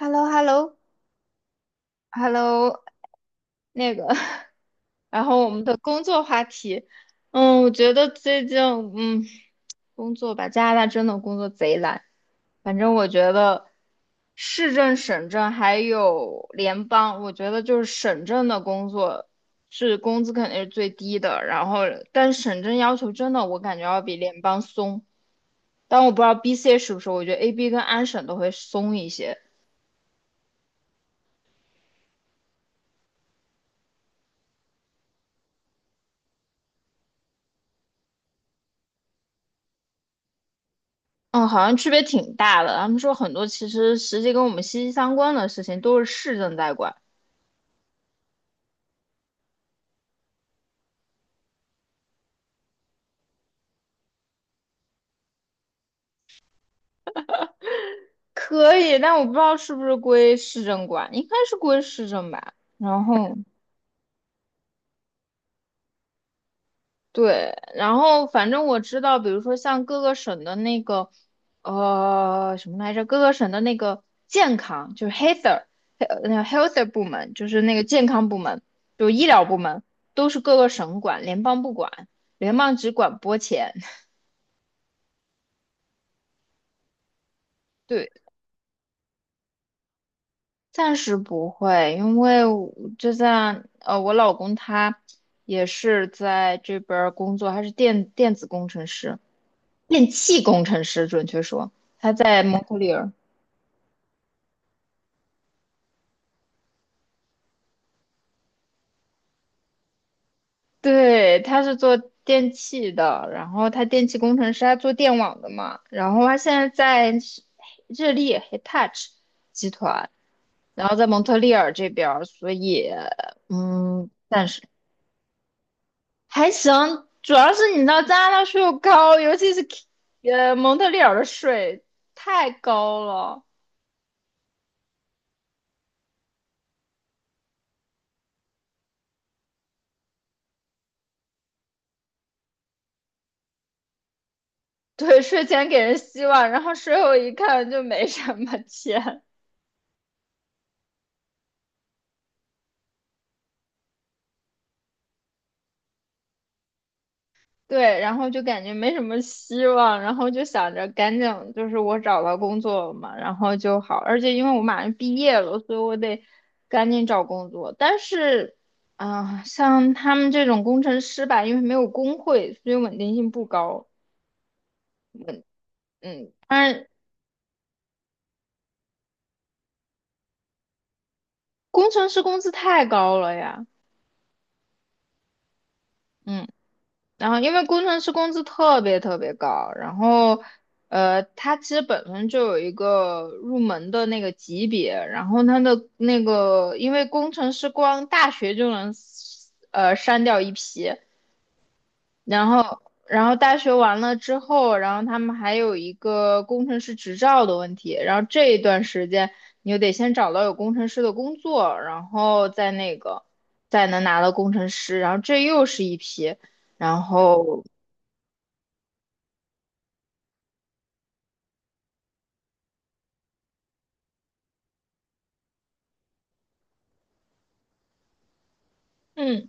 h e l l o h e l l o h e l l o 那个，然后我们的工作话题，我觉得最近，嗯，工作吧，加拿大真的工作贼难，反正我觉得市政、省政还有联邦，我觉得就是省政的工作是工资肯定是最低的，然后但是省政要求真的我感觉要比联邦松，但我不知道 BC 是不是，我觉得 AB 跟安省都会松一些。嗯，好像区别挺大的。他们说很多其实实际跟我们息息相关的事情都是市政在管，可以，但我不知道是不是归市政管，应该是归市政吧。然后对，然后反正我知道，比如说像各个省的那个什么来着，各个省的那个健康就是 health 那个 health 部门，就是那个健康部门，就是医疗部门，都是各个省管，联邦不管，联邦只管拨钱。对暂时不会，因为我就像我老公他也是在这边儿工作，他是电子工程师，电气工程师，准确说，他在蒙特利尔，对，他是做电气的，然后他电气工程师，他做电网的嘛，然后他现在在是日立 Hitachi 集团，然后在蒙特利尔这边儿，所以嗯。暂时。还行，主要是你知道加拿大税又高，尤其是蒙特利尔的税太高了。对，税前给人希望，然后税后一看就没什么钱，对，然后就感觉没什么希望，然后就想着赶紧就是我找到工作了嘛，然后就好，而且因为我马上毕业了，所以我得赶紧找工作。但是啊、像他们这种工程师吧，因为没有工会，所以稳定性不高。嗯，但是。工程师工资太高了呀，嗯，然后因为工程师工资特别特别高，然后他其实本身就有一个入门的那个级别，然后他的那个，因为工程师光大学就能删掉一批，然后，然后大学完了之后，然后他们还有一个工程师执照的问题。然后这一段时间，你就得先找到有工程师的工作，然后再那个，再能拿到工程师。然后这又是一批，然后，嗯，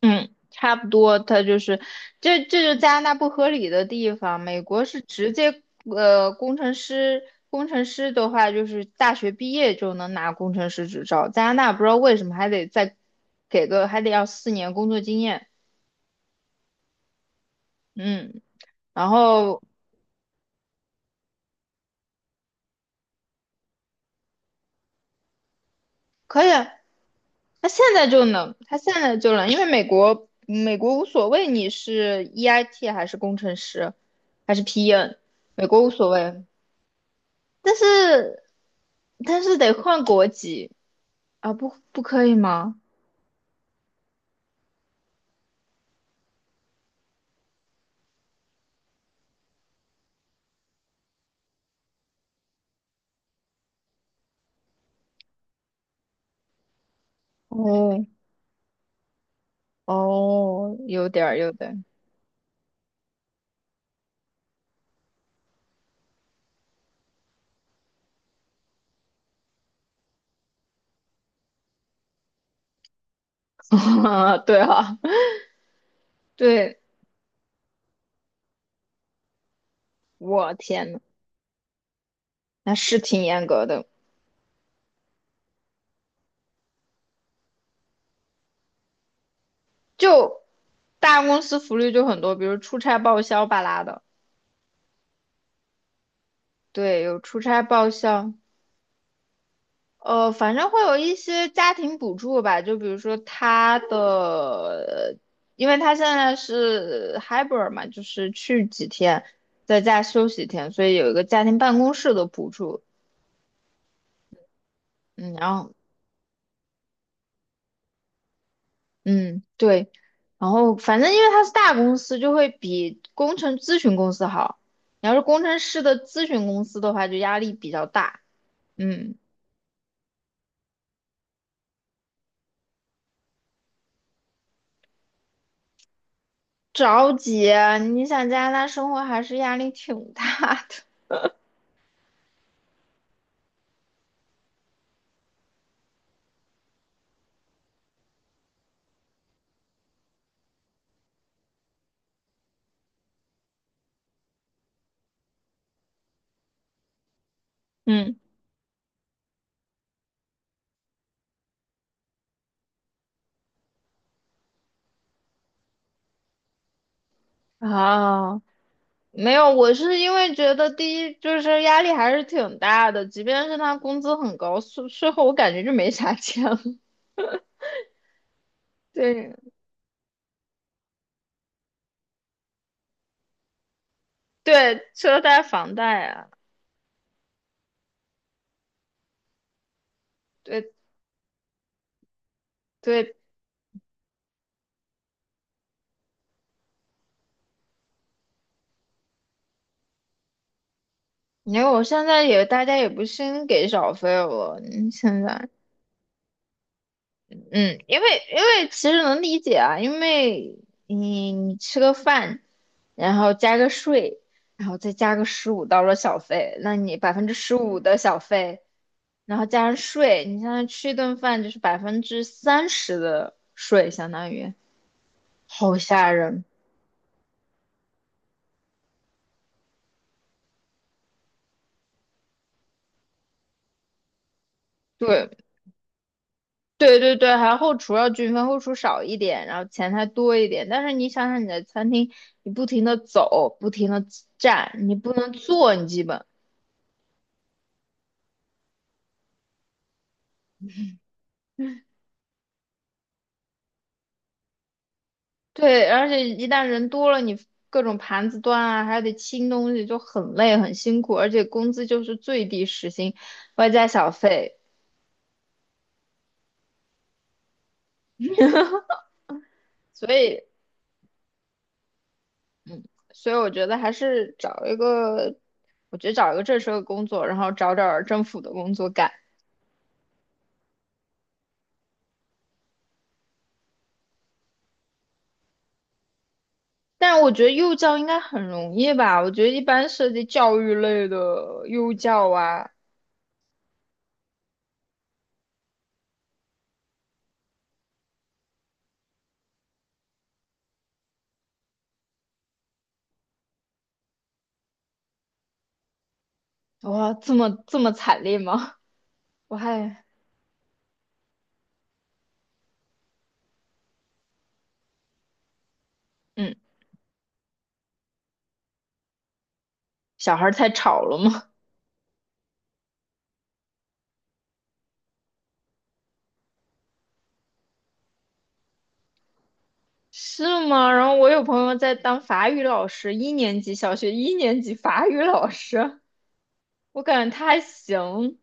嗯，差不多，它就是，这就是加拿大不合理的地方。美国是直接，呃，工程师，工程师的话就是大学毕业就能拿工程师执照，加拿大不知道为什么还得再给个，还得要4年工作经验。嗯，然后可以啊，他现在就能，他现在就能，因为美国，美国无所谓你是 EIT 还是工程师，还是 PN，美国无所谓，但是但是得换国籍。啊，不，不可以吗？哦哦，有点儿，对哈对，我天呐，那是挺严格的。就大公司福利就很多，比如出差报销巴拉的，对，有出差报销，反正会有一些家庭补助吧，就比如说他的，因为他现在是 hybrid 嘛，就是去几天，在家休息一天，所以有一个家庭办公室的补助。嗯，然后嗯，对，然后反正因为它是大公司，就会比工程咨询公司好。你要是工程师的咨询公司的话，就压力比较大。嗯，着急啊你想加拿大生活还是压力挺大的。嗯，啊，没有，我是因为觉得第一就是压力还是挺大的，即便是他工资很高，税后我感觉就没啥钱了。对对，车贷、房贷啊，对对。因为我现在也大家也不兴给小费了，现在，嗯，因为其实能理解啊，因为你吃个饭，然后加个税，然后再加个十五到了小费，那你15%的小费，然后加上税，你现在吃一顿饭就是30%的税，相当于好吓人。对，对对对，还有后厨要均分，后厨少一点，然后前台多一点。但是你想想，你的餐厅，你不停的走，不停的站，你不能坐，你基本对，而且一旦人多了，你各种盘子端啊，还得清东西，就很累很辛苦，而且工资就是最低时薪，外加小费，所以所以我觉得还是找一个，我觉得找一个正式的工作，然后找点儿政府的工作干。但我觉得幼教应该很容易吧？我觉得一般涉及教育类的幼教啊，哇，这么惨烈吗？我还嗯，小孩儿太吵了吗？是吗？然后我有朋友在当法语老师，一年级小学一年级法语老师，我感觉他还行。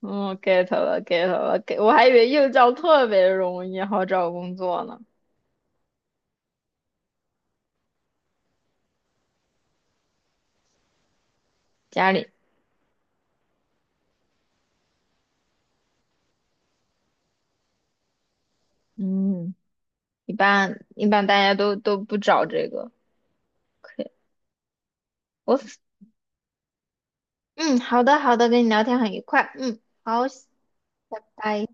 嗯，get 了，get 了，get，我还以为幼教特别容易，好找工作呢。家里，嗯，一般大家都不找这个。可以。我嗯，好的好的，跟你聊天很愉快。嗯，好，拜拜。